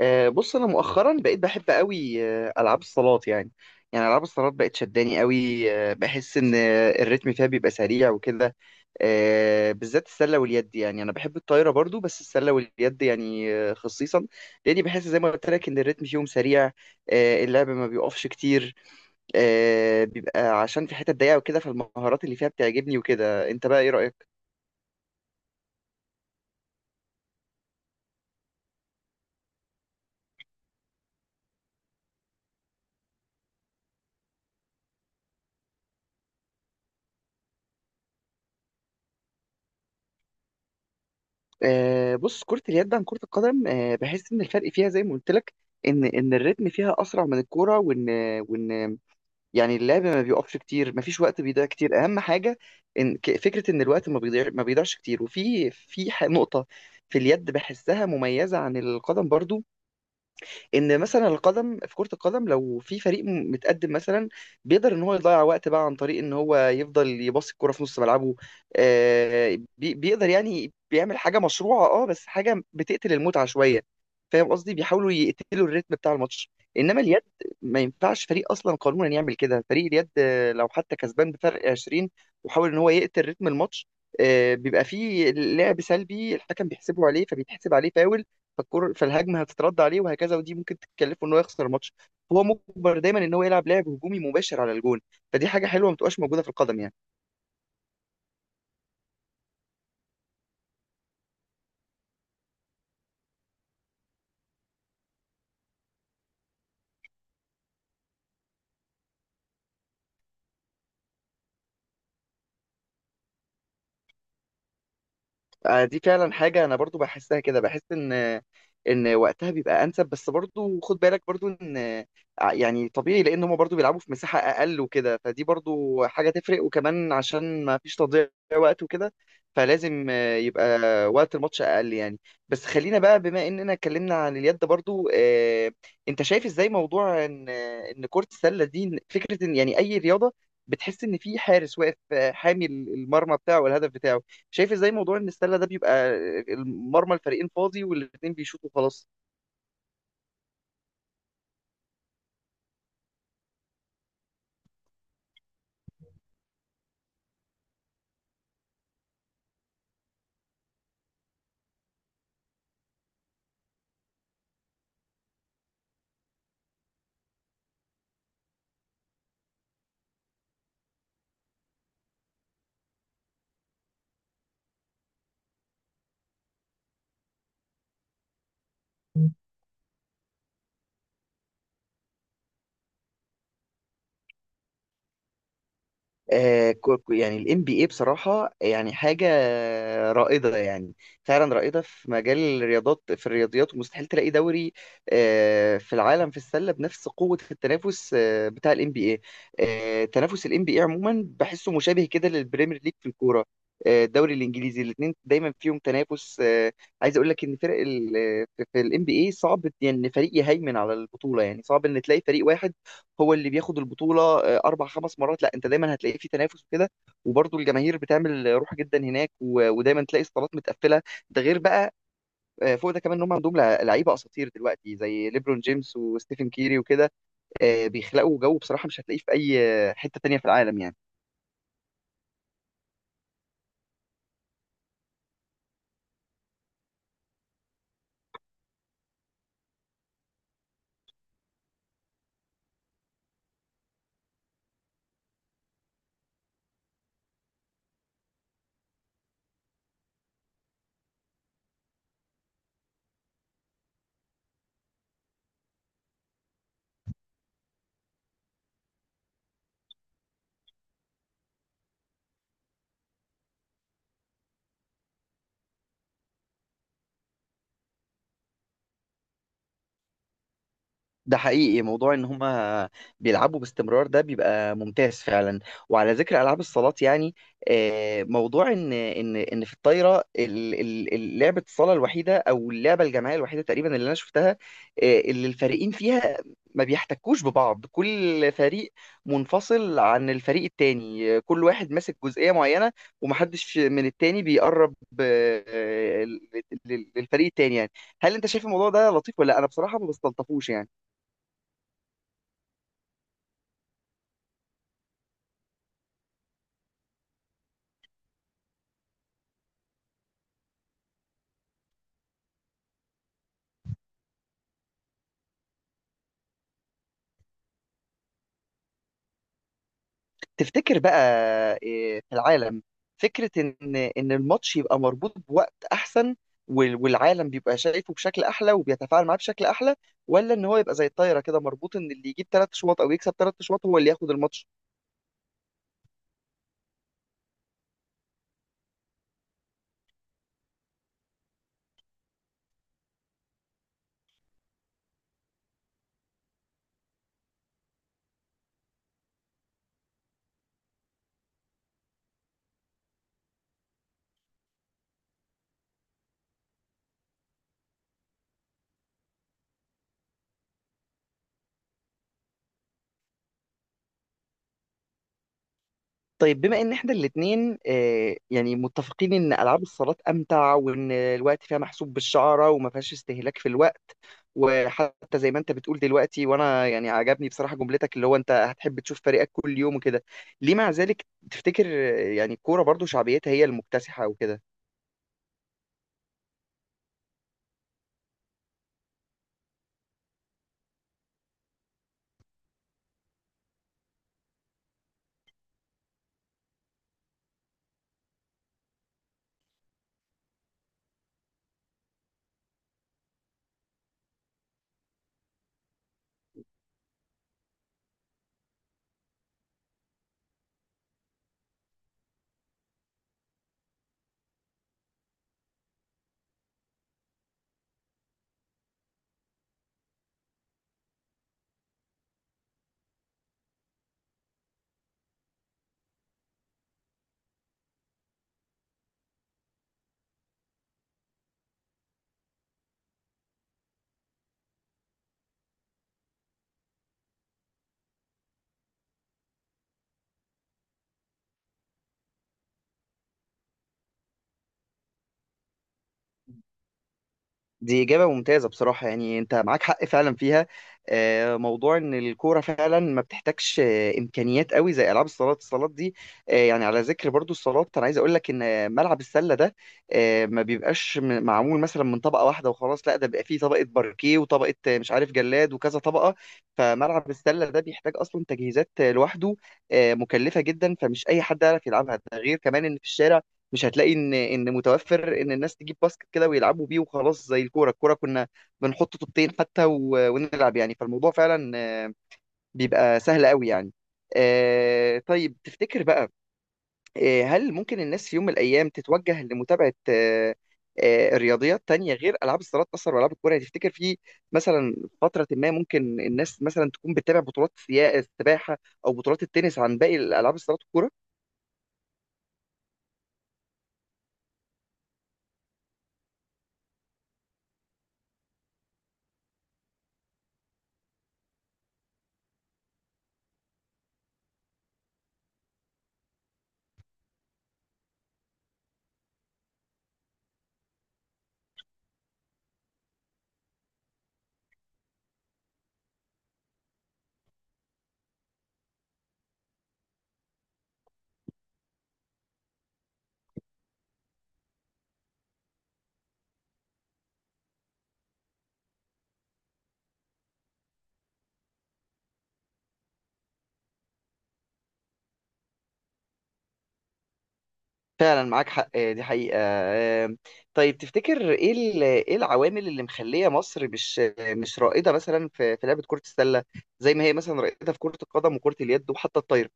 بص انا مؤخرا بقيت بحب قوي، العاب الصالات يعني العاب الصالات بقت شداني قوي، بحس ان، الريتم فيها بيبقى سريع وكده. بالذات السله واليد، يعني انا بحب الطايره برضو بس السله واليد يعني، خصيصا لاني بحس زي ما قلت لك ان الريتم فيهم سريع. اللعب ما بيقفش كتير. بيبقى عشان في حتت ضيقه وكده، فالمهارات اللي فيها بتعجبني وكده. انت بقى ايه رايك؟ بص، كرة اليد عن كرة القدم، بحس إن الفرق فيها زي ما قلت لك، إن الريتم فيها أسرع من الكورة. وإن يعني اللعب ما بيقفش كتير، ما فيش وقت بيضيع كتير. أهم حاجة إن فكرة إن الوقت ما بيضيع ما بيضيعش كتير. وفي نقطة في اليد بحسها مميزة عن القدم برضو. ان مثلا القدم، في كرة القدم لو في فريق متقدم مثلا، بيقدر ان هو يضيع وقت بقى عن طريق ان هو يفضل يباصي الكرة في نص ملعبه، بيقدر يعني. بيعمل حاجة مشروعة، اه، بس حاجة بتقتل المتعة شوية. فاهم قصدي؟ بيحاولوا يقتلوا الريتم بتاع الماتش. انما اليد ما ينفعش فريق اصلا قانونا يعمل كده. فريق اليد، لو حتى كسبان بفرق 20 وحاول ان هو يقتل رتم الماتش، بيبقى فيه لعب سلبي، الحكم بيحسبه عليه، فبيتحسب عليه فاول، فالكور في الهجمه هتترد عليه وهكذا. ودي ممكن تكلفه ان هو يخسر الماتش. هو مجبر دايما ان هو يلعب لعب هجومي مباشر على الجون. فدي حاجه حلوه ما بتبقاش موجوده في القدم يعني. دي فعلا حاجة أنا برضو بحسها كده، بحس إن وقتها بيبقى أنسب. بس برضو خد بالك برضو إن، يعني طبيعي لأن هما برضو بيلعبوا في مساحة أقل وكده، فدي برضو حاجة تفرق. وكمان عشان ما فيش تضييع وقت وكده، فلازم يبقى وقت الماتش أقل يعني. بس خلينا بقى، بما إننا اتكلمنا عن اليد برضو، أنت شايف إزاي موضوع إن كرة السلة دي؟ فكرة إن يعني أي رياضة بتحس إن في حارس واقف، حامي المرمى بتاعه والهدف بتاعه. شايف ازاي موضوع ان السله ده بيبقى المرمى الفريقين فاضي والاثنين بيشوطوا خلاص؟ يعني ال NBA بصراحة يعني حاجة رائدة يعني. فعلا رائدة في مجال الرياضات، في الرياضيات، ومستحيل تلاقي دوري في العالم في السلة بنفس قوة التنافس بتاع ال NBA. تنافس ال NBA عموما بحسه مشابه كده للبريمير ليج في الكورة، الدوري الإنجليزي. الاتنين دايما فيهم تنافس، عايز أقول لك إن فرق في ال NBA صعب يعني إن فريق يهيمن على البطولة. يعني صعب إن تلاقي فريق واحد هو اللي بياخد البطولة، أربع خمس مرات. لا، أنت دايما هتلاقي في تنافس وكده. وبرضه الجماهير بتعمل روح جدا هناك، ودايما تلاقي الصالات متقفلة. ده غير بقى، فوق ده كمان، إن هم عندهم لعيبة أساطير دلوقتي زي ليبرون جيمس وستيفن كيري وكده، بيخلقوا جو بصراحة مش هتلاقيه في أي حتة تانية في العالم يعني. ده حقيقي. موضوع ان هما بيلعبوا باستمرار ده بيبقى ممتاز فعلا. وعلى ذكر العاب الصالات يعني، موضوع ان في الطايره لعبه الصاله الوحيده او اللعبه الجماعيه الوحيده تقريبا اللي انا شفتها، اللي الفريقين فيها ما بيحتكوش ببعض. كل فريق منفصل عن الفريق التاني، كل واحد ماسك جزئيه معينه، ومحدش من التاني بيقرب للفريق التاني يعني. هل انت شايف الموضوع ده لطيف ولا لا؟ انا بصراحه ما بستلطفوش يعني. تفتكر بقى إيه في العالم؟ فكرة إن الماتش يبقى مربوط بوقت أحسن، والعالم بيبقى شايفه بشكل أحلى وبيتفاعل معاه بشكل أحلى، ولا إن هو يبقى زي الطايرة كده، مربوط إن اللي يجيب 3 شواط أو يكسب 3 شواط هو اللي ياخد الماتش؟ طيب، بما ان احنا الاتنين، يعني متفقين ان العاب الصالات امتع وان الوقت فيها محسوب بالشعره وما فيهاش استهلاك في الوقت، وحتى زي ما انت بتقول دلوقتي، وانا يعني عجبني بصراحه جملتك اللي هو انت هتحب تشوف فريقك كل يوم وكده، ليه مع ذلك تفتكر، يعني الكوره برضو شعبيتها هي المكتسحه وكده؟ دي إجابة ممتازة بصراحة يعني، أنت معاك حق فعلا فيها، موضوع إن الكورة فعلا ما بتحتاجش إمكانيات قوي زي ألعاب الصالات دي، يعني على ذكر برضو الصالات، أنا عايز أقول لك إن ملعب السلة ده، ما بيبقاش معمول مثلا من طبقة واحدة وخلاص. لا، ده بيبقى فيه طبقة باركيه وطبقة، مش عارف، جلاد وكذا طبقة. فملعب السلة ده بيحتاج أصلا تجهيزات، لوحده، مكلفة جدا. فمش أي حد يعرف يلعبها. ده غير كمان إن في الشارع مش هتلاقي ان متوفر ان الناس تجيب باسكت كده ويلعبوا بيه وخلاص. زي الكوره، كنا بنحط طوبتين حتى ونلعب يعني. فالموضوع فعلا بيبقى سهل قوي يعني. طيب، تفتكر بقى، هل ممكن الناس في يوم من الايام تتوجه لمتابعه رياضيات تانية غير العاب الصالات اصلا والعاب الكوره؟ يعني تفتكر في مثلا فتره ما ممكن الناس مثلا تكون بتتابع بطولات السباحه او بطولات التنس عن باقي الالعاب الصالات والكوره؟ فعلا معاك حق، دي حقيقة. طيب، تفتكر ايه ايه العوامل اللي مخلية مصر مش مش رائدة مثلا في لعبة كرة السلة، زي ما هي مثلا رائدة في كرة القدم وكرة اليد وحتى الطايرة؟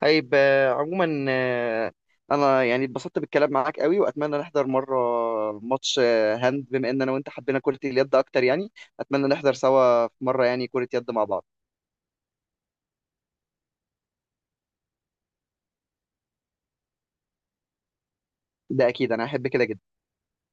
طيب، عموما، انا يعني اتبسطت بالكلام معاك قوي، واتمنى نحضر مرة ماتش، هاند، بما ان انا وانت حبينا كرة اليد اكتر يعني. اتمنى نحضر سوا في مرة يعني كرة يد مع بعض. ده اكيد انا هحب كده جدا.